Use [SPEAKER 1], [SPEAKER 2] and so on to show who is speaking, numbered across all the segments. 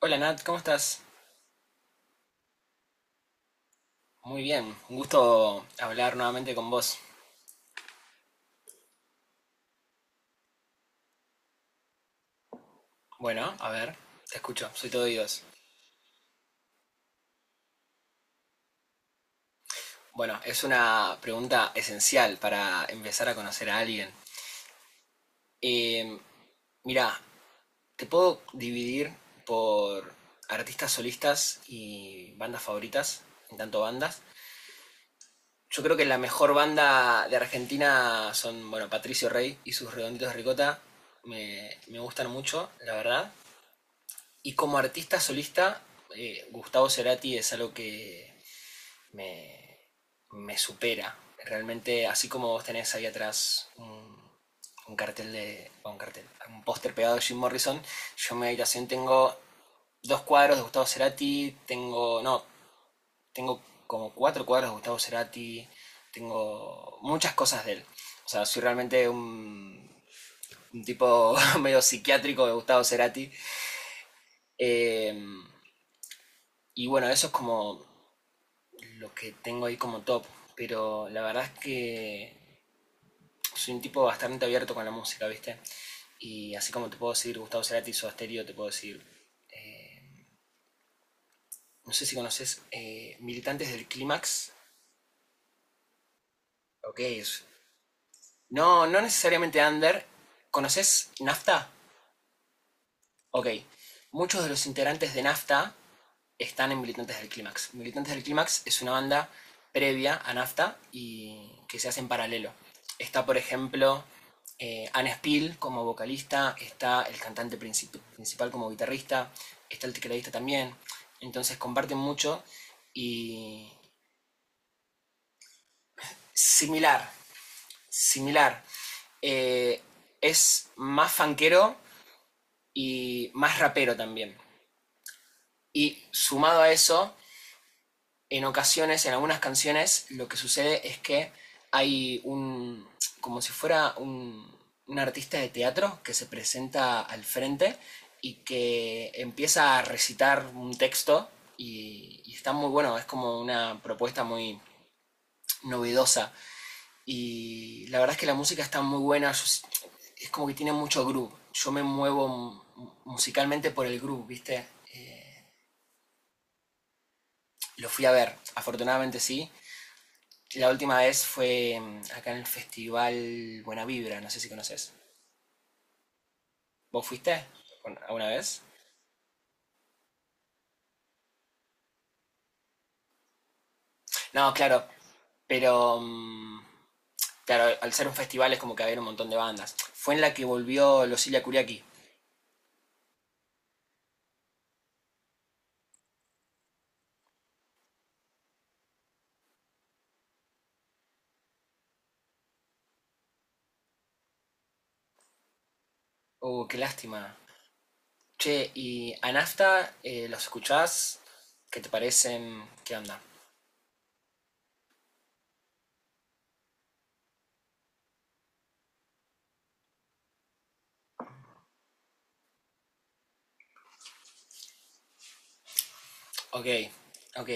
[SPEAKER 1] Hola Nat, ¿cómo estás? Muy bien, un gusto hablar nuevamente con vos. Bueno, a ver, te escucho, soy todo oídos. Bueno, es una pregunta esencial para empezar a conocer a alguien. Eh, Mira, te puedo dividir por artistas solistas y bandas favoritas, en tanto bandas. Yo creo que la mejor banda de Argentina son, bueno, Patricio Rey y sus Redonditos de Ricota. Me gustan mucho, la verdad. Y como artista solista, Gustavo Cerati es algo que me, me supera. Realmente, así como vos tenés ahí atrás un cartel de, bueno, un cartel, un póster pegado de Jim Morrison, yo en mi habitación tengo dos cuadros de Gustavo Cerati, tengo, no, tengo como cuatro cuadros de Gustavo Cerati, tengo muchas cosas de él. O sea, soy realmente un tipo medio psiquiátrico de Gustavo Cerati. Eh, y bueno, eso es como los que tengo ahí como top. Pero la verdad es que soy un tipo bastante abierto con la música, ¿viste? Y así como te puedo decir Gustavo Cerati o Asterio, te puedo decir. Eh, no sé si conoces Militantes del Clímax. Ok. No, no necesariamente Under. ¿Conoces Nafta? Ok. Muchos de los integrantes de Nafta están en Militantes del Clímax. Militantes del Clímax es una banda previa a Nafta y que se hace en paralelo. Está, por ejemplo, Anne Spill como vocalista, está el cantante principal como guitarrista, está el tecladista también. Entonces comparten mucho y similar, similar. Eh, es más fanquero y más rapero también. Y sumado a eso, en ocasiones, en algunas canciones, lo que sucede es que hay un, como si fuera un artista de teatro que se presenta al frente y que empieza a recitar un texto y está muy bueno, es como una propuesta muy novedosa y la verdad es que la música está muy buena, es como que tiene mucho groove, yo me muevo musicalmente por el groove, ¿viste? Eh, lo fui a ver, afortunadamente sí, la última vez fue acá en el festival Buena Vibra, no sé si conoces. ¿Vos fuiste alguna vez? No, claro, pero claro, al ser un festival es como que había un montón de bandas. Fue en la que volvió Losilia Kuriaki. Oh, qué lástima. Che, y a Nafta, ¿los escuchás? ¿Qué te parecen? ¿Qué onda? Ok, ok.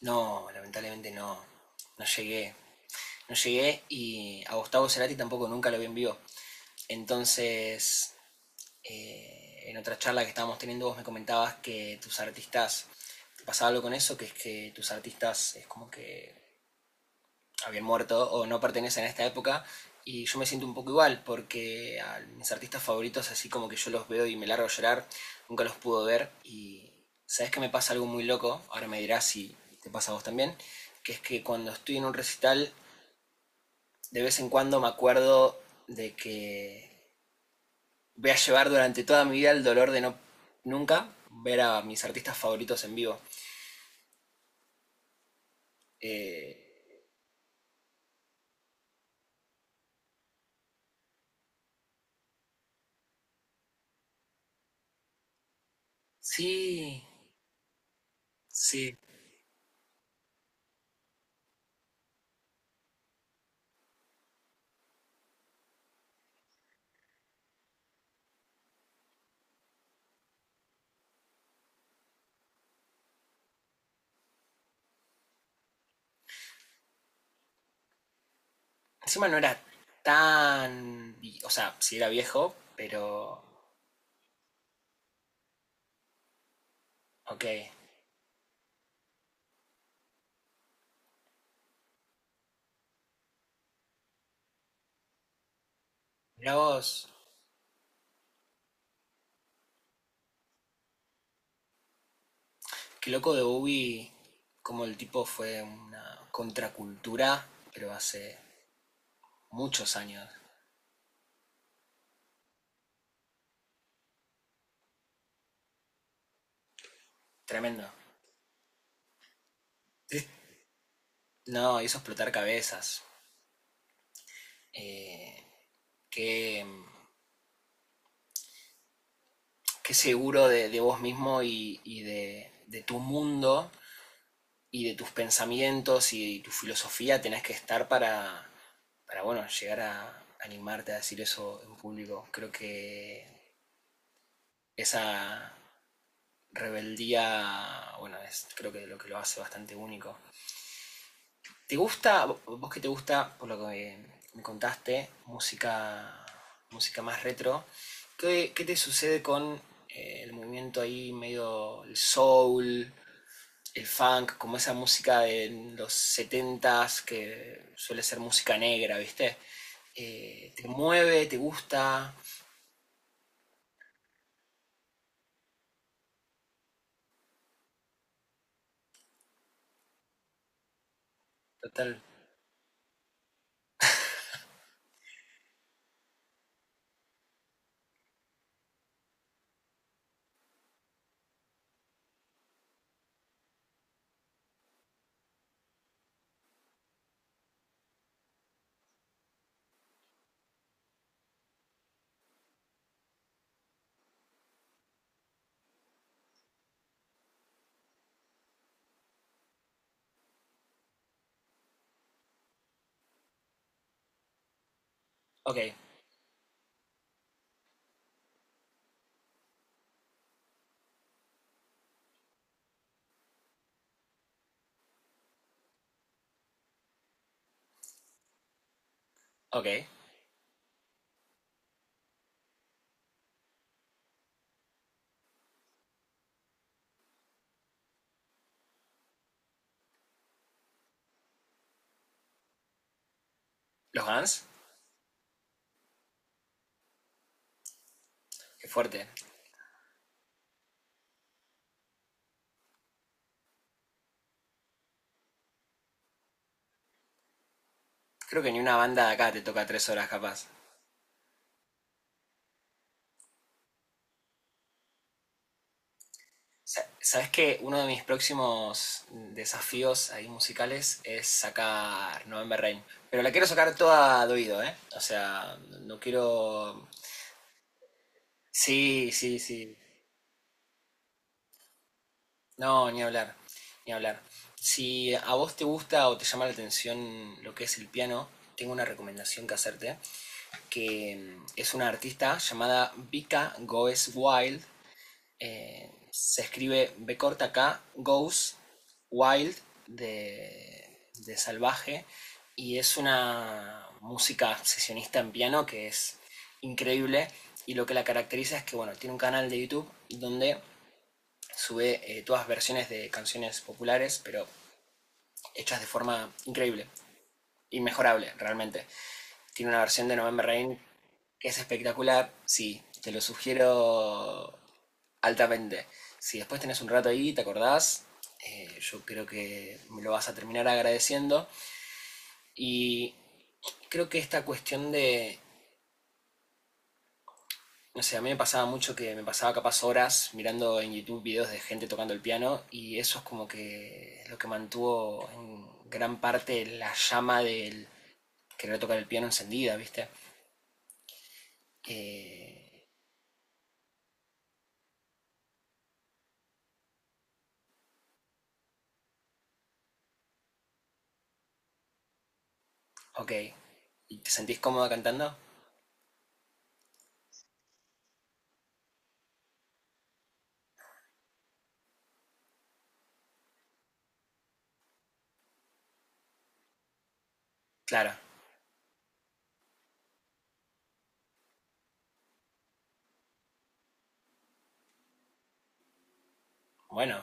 [SPEAKER 1] No, lamentablemente no. No llegué. No llegué y a Gustavo Cerati tampoco nunca lo vi en vivo. Entonces, en otra charla que estábamos teniendo vos me comentabas que tus artistas, ¿te pasaba algo con eso? Que es que tus artistas es como que habían muerto o no pertenecen a esta época y yo me siento un poco igual porque a mis artistas favoritos así como que yo los veo y me largo a llorar, nunca los pudo ver y sabes que me pasa algo muy loco, ahora me dirás si te pasa a vos también, que es que cuando estoy en un recital de vez en cuando me acuerdo de que voy a llevar durante toda mi vida el dolor de no nunca ver a mis artistas favoritos en vivo. Eh, sí, sí. Encima no era tan. O sea, sí era viejo, pero. Ok. Mirá vos, qué loco de Bowie, como el tipo fue una contracultura, pero hace muchos años. Tremendo. No, hizo explotar cabezas. Eh, qué qué seguro de vos mismo y de tu mundo y de tus pensamientos y tu filosofía tenés que estar para bueno, llegar a animarte a decir eso en público. Creo que esa rebeldía, bueno, es creo que lo hace bastante único. ¿Te gusta, vos que te gusta, por lo que me contaste, música más retro? ¿Qué te sucede con el movimiento ahí medio el soul, el funk, como esa música de los setentas que suele ser música negra, ¿viste? Te mueve, te gusta. Total. Ok, ok. ¿Los Guns? Qué fuerte. Creo que ni una banda de acá te toca 3 horas capaz. Sabes que uno de mis próximos desafíos ahí musicales es sacar November Rain. Pero la quiero sacar toda de oído, ¿eh? O sea, no quiero. Sí, sí, sí. No, ni hablar, ni hablar. Si a vos te gusta o te llama la atención lo que es el piano, tengo una recomendación que hacerte, que es una artista llamada Vika Goes Wild. Se escribe B corta K, Goes Wild de, de, salvaje. Y es una música sesionista en piano que es increíble. Y lo que la caracteriza es que, bueno, tiene un canal de YouTube donde sube todas versiones de canciones populares, pero hechas de forma increíble, inmejorable realmente. Tiene una versión de November Rain que es espectacular, sí, te lo sugiero altamente. Si después tenés un rato ahí, te acordás, yo creo que me lo vas a terminar agradeciendo. Y creo que esta cuestión de. No sé, a mí me pasaba mucho que me pasaba capaz horas mirando en YouTube videos de gente tocando el piano y eso es como que lo que mantuvo en gran parte la llama del querer tocar el piano encendida, ¿viste? Eh, ok, ¿y te sentís cómoda cantando? Claro, bueno,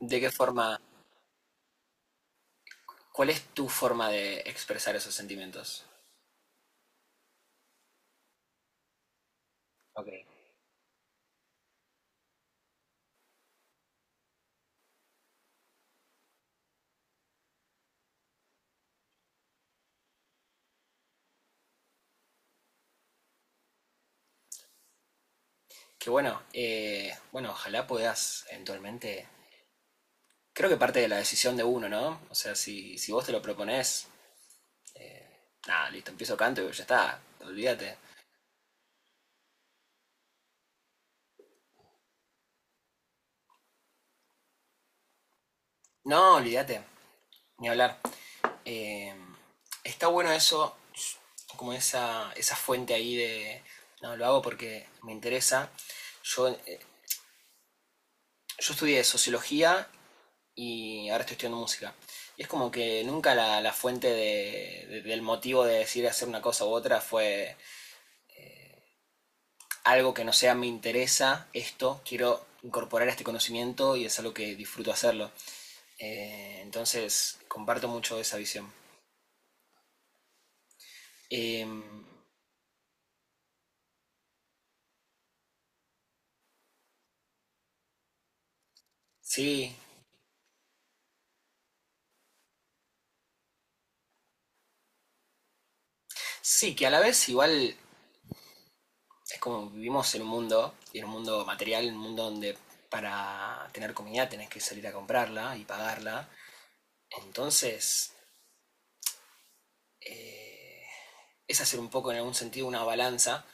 [SPEAKER 1] ¿de qué forma? ¿Cuál es tu forma de expresar esos sentimientos? Ok, qué bueno, bueno, ojalá puedas eventualmente. Creo que parte de la decisión de uno, ¿no? O sea, si vos te lo propones, nada, listo, empiezo canto y ya está. Olvídate. No, olvídate. Ni hablar. Eh, Está bueno eso, como esa fuente ahí de. No, lo hago porque me interesa. Yo, eh, yo estudié sociología y ahora estoy estudiando música. Y es como que nunca la fuente del motivo de decir hacer una cosa u otra fue algo que no sea me interesa esto, quiero incorporar este conocimiento y es algo que disfruto hacerlo. Entonces, comparto mucho esa visión. Eh, sí, sí, que a la vez igual es como vivimos en un mundo, y en un mundo material, un mundo donde para tener comida tenés que salir a comprarla y pagarla. Entonces, eh, es hacer un poco en algún sentido una balanza,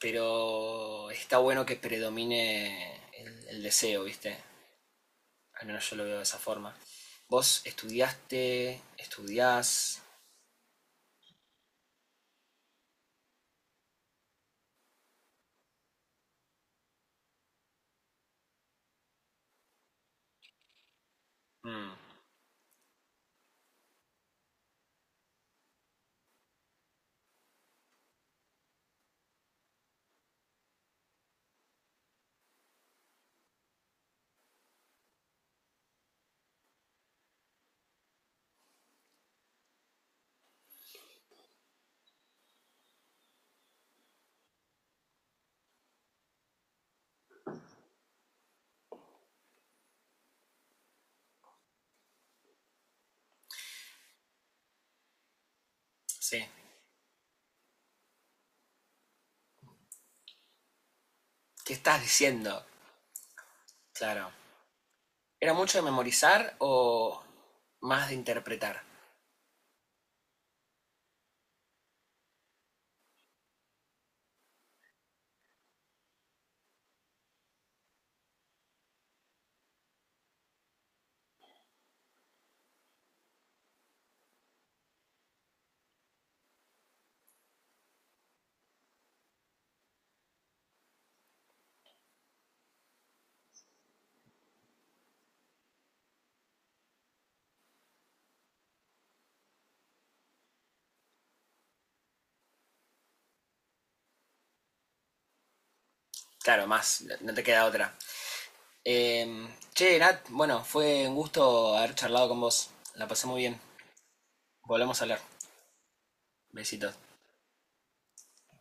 [SPEAKER 1] pero está bueno que predomine el deseo, ¿viste? Al menos yo lo veo de esa forma. Vos estudiaste, estudiás. Mm, sí. ¿Qué estás diciendo? Claro. ¿Era mucho de memorizar o más de interpretar? Claro, más, no te queda otra. Eh, Che, Nat, bueno, fue un gusto haber charlado con vos. La pasé muy bien. Volvemos a hablar. Besitos.